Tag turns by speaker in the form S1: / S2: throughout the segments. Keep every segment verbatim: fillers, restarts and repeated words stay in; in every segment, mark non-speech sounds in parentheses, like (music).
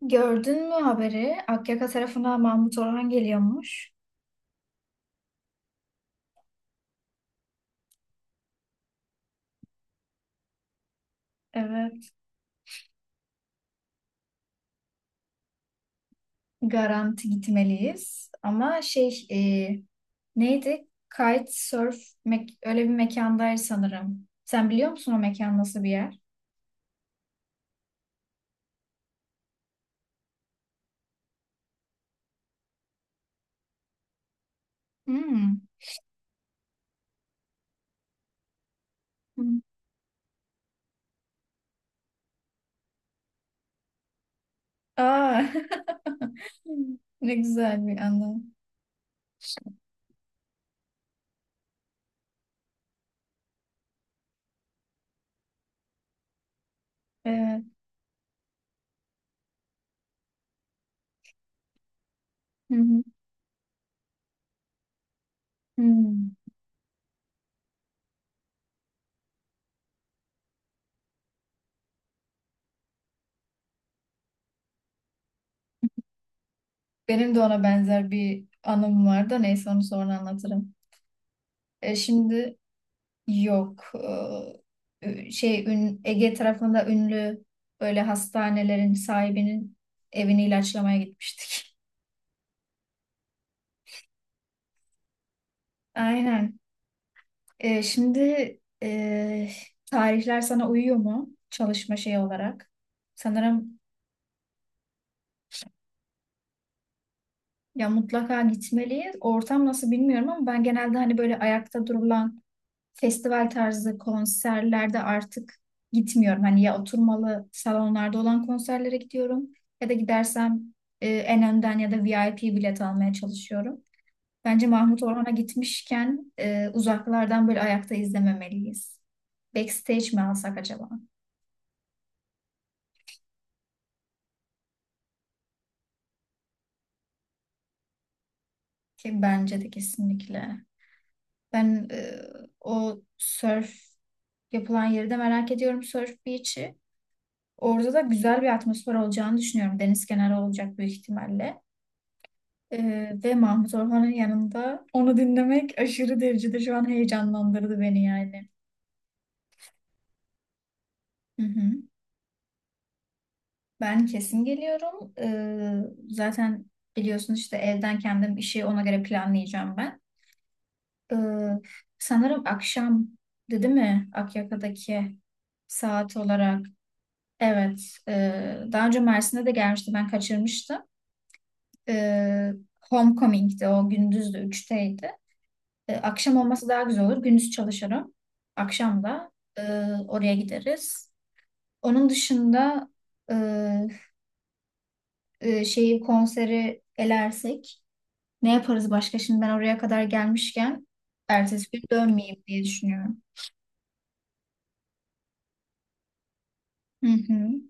S1: Gördün mü haberi? Akyaka tarafından Mahmut Orhan geliyormuş. Evet. Garanti gitmeliyiz. Ama şey e, neydi? Kitesurf mek öyle bir mekandaydı sanırım. Sen biliyor musun o mekan nasıl bir yer? Hmm. Hmm. Aa. (laughs) Ne güzel bir anı. Evet. Hı hı. Hmm. Benim de ona benzer bir anım var da neyse onu sonra anlatırım. E şimdi. Yok. Ee, şey ün, Ege tarafında ünlü böyle hastanelerin sahibinin evini ilaçlamaya gitmiştik. (laughs) Aynen. Ee, şimdi e, tarihler sana uyuyor mu çalışma şeyi olarak? Sanırım ya mutlaka gitmeliyiz. Ortam nasıl bilmiyorum ama ben genelde hani böyle ayakta durulan festival tarzı konserlerde artık gitmiyorum. Hani ya oturmalı salonlarda olan konserlere gidiyorum ya da gidersem e, en önden ya da V I P bilet almaya çalışıyorum. Bence Mahmut Orhan'a gitmişken e, uzaklardan böyle ayakta izlememeliyiz. Backstage mi alsak acaba? Ki bence de kesinlikle. Ben e, o surf yapılan yeri de merak ediyorum Surf Beach'i. Orada da güzel bir atmosfer olacağını düşünüyorum. Deniz kenarı olacak büyük ihtimalle. Ee, ve Mahmut Orhan'ın yanında onu dinlemek aşırı derecede şu an heyecanlandırdı beni yani. Hı hı. Ben kesin geliyorum. Ee, zaten biliyorsun işte evden kendim işi ona göre planlayacağım ben. Ee, sanırım akşam dedi mi Akyaka'daki saat olarak? Evet. Ee, daha önce Mersin'de de gelmişti ben kaçırmıştım. Ee, Homecoming'di o gündüzdü üçteydi. E, akşam olması daha güzel olur. Gündüz çalışırım. Akşam da e, oraya gideriz. Onun dışında e, e, şeyi konseri elersek ne yaparız başka? Şimdi ben oraya kadar gelmişken ertesi gün dönmeyeyim diye düşünüyorum. Hı hı,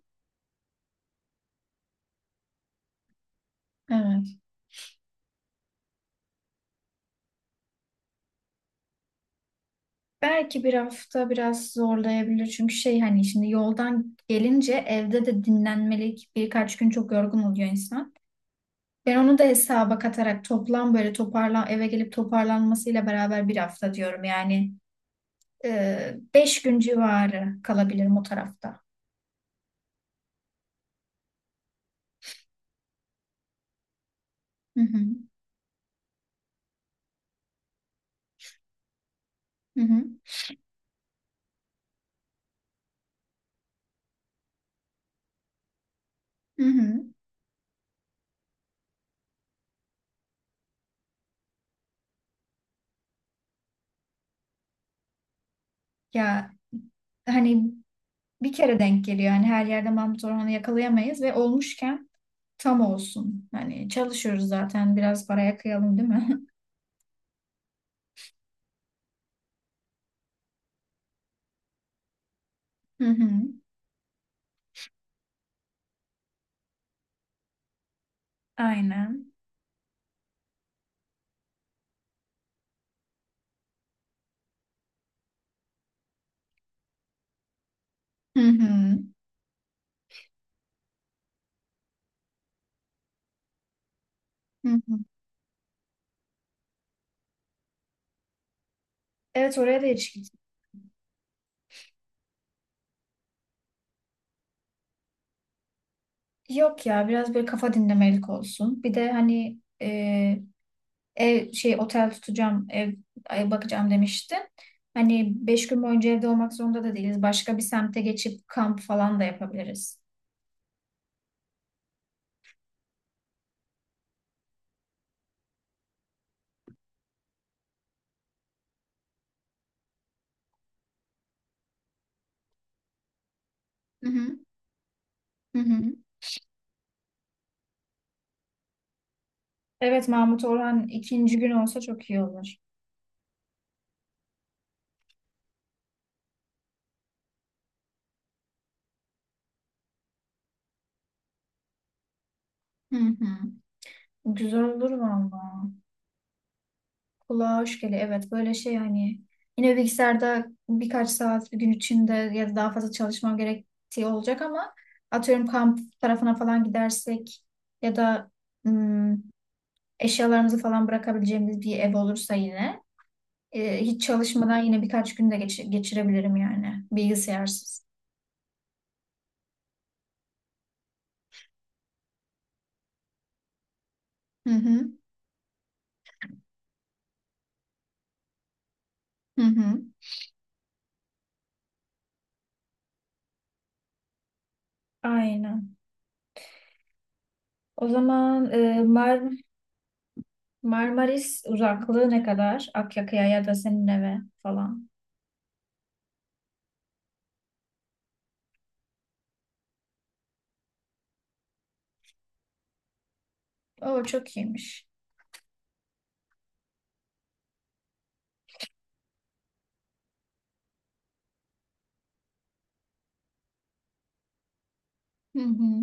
S1: evet. Belki bir hafta biraz zorlayabilir çünkü şey hani şimdi yoldan gelince evde de dinlenmelik birkaç gün çok yorgun oluyor insan. Ben onu da hesaba katarak toplam böyle toparlan eve gelip toparlanmasıyla beraber bir hafta diyorum. Yani e, beş gün civarı kalabilirim o tarafta. Hı hı, hı hı, hı hı. Ya hani bir kere denk geliyor. Yani her yerde Mahmut Orhan'ı yakalayamayız ve olmuşken tam olsun. Hani çalışıyoruz zaten biraz paraya kıyalım değil mi? (laughs) Hı hı. Aynen. Hı hı. Hı hı. Evet, oraya da hiç gitmedim. Yok ya, biraz böyle kafa dinlemelik olsun. Bir de hani ev şey otel tutacağım, ev ay- bakacağım demişti. Hani beş gün boyunca evde olmak zorunda da değiliz. Başka bir semte geçip kamp falan da yapabiliriz. Hı hı. Hı hı. Evet, Mahmut Orhan ikinci gün olsa çok iyi olur. Hı hı. Güzel olur valla. Kulağa hoş geliyor. Evet, böyle şey hani yine bilgisayarda birkaç saat bir gün içinde ya da daha fazla çalışmam gerektiği olacak ama atıyorum kamp tarafına falan gidersek ya da hmm, eşyalarımızı falan bırakabileceğimiz bir ev olursa yine, e, hiç çalışmadan yine birkaç gün de geç- geçirebilirim yani. Bilgisayarsız. Hı hı. Hı hı. Aynen. O zaman e, Mar Marmaris uzaklığı ne kadar? Akyaka'ya ya da senin eve falan. Oo, çok iyiymiş. Hı hı.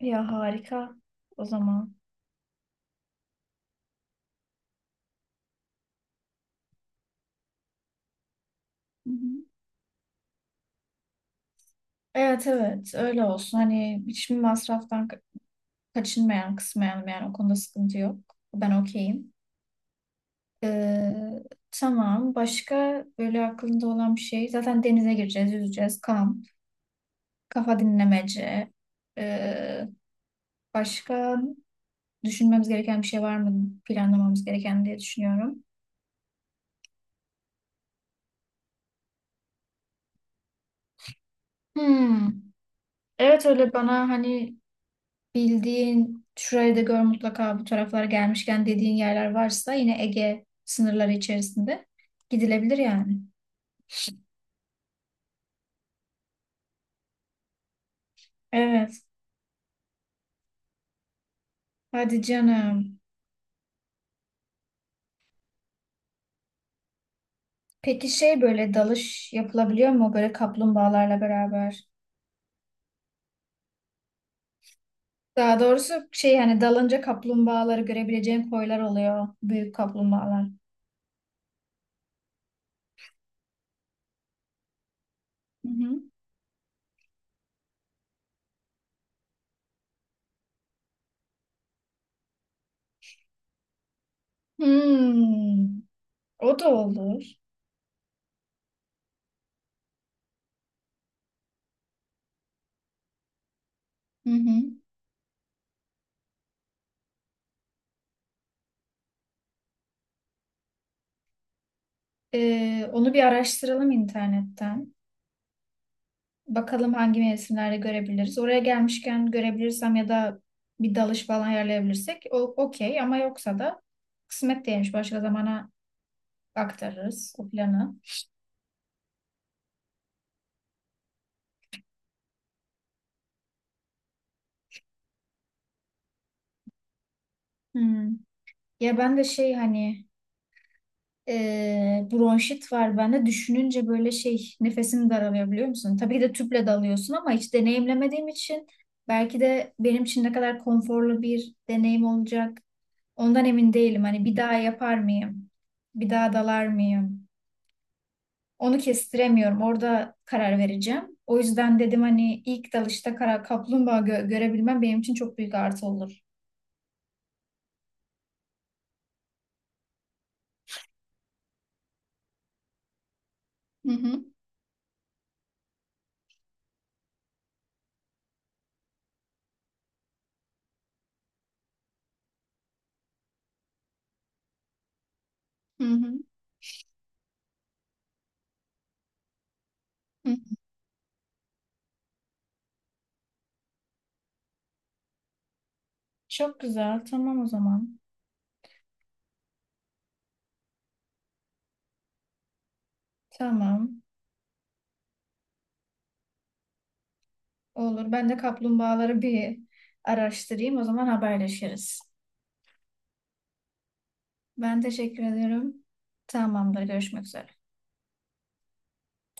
S1: Ya harika. O zaman. Hı hı. Evet, evet, öyle olsun. Hani hiçbir masraftan ka- kaçınmayan kısmayalım yani, o konuda sıkıntı yok. Ben okeyim. Ee, tamam. Başka böyle aklında olan bir şey. Zaten denize gireceğiz, yüzeceğiz. Kamp, kafa dinlemece. Ee, başka düşünmemiz gereken bir şey var mı? Planlamamız gereken diye düşünüyorum. Hmm. Evet, öyle bana hani bildiğin şurayı da gör mutlaka bu taraflara gelmişken dediğin yerler varsa yine Ege sınırları içerisinde gidilebilir yani. Evet. Hadi canım. Peki şey böyle dalış yapılabiliyor mu böyle kaplumbağalarla beraber? Daha doğrusu şey hani dalınca kaplumbağaları görebileceğin koylar oluyor. Büyük kaplumbağalar. Hı hı. Hmm, o da olur. Hı hı. Ee, onu bir araştıralım internetten. Bakalım hangi mevsimlerde görebiliriz. Oraya gelmişken görebilirsem ya da bir dalış falan ayarlayabilirsek o okey ama yoksa da kısmet değilmiş. Başka zamana aktarırız o planı. Hmm. Ya ben de şey hani Ee, bronşit var bende. Düşününce böyle şey nefesim daralıyor biliyor musun? Tabii ki de tüple dalıyorsun ama hiç deneyimlemediğim için belki de benim için ne kadar konforlu bir deneyim olacak. Ondan emin değilim. Hani bir daha yapar mıyım? Bir daha dalar mıyım? Onu kestiremiyorum. Orada karar vereceğim. O yüzden dedim hani ilk dalışta kara kaplumbağa gö- görebilmem benim için çok büyük artı olur. Hı hı, hı hı, hı. Çok güzel. Tamam o zaman. Tamam. Olur. Ben de kaplumbağaları bir araştırayım. O zaman haberleşiriz. Ben teşekkür ederim. Tamamdır. Görüşmek üzere.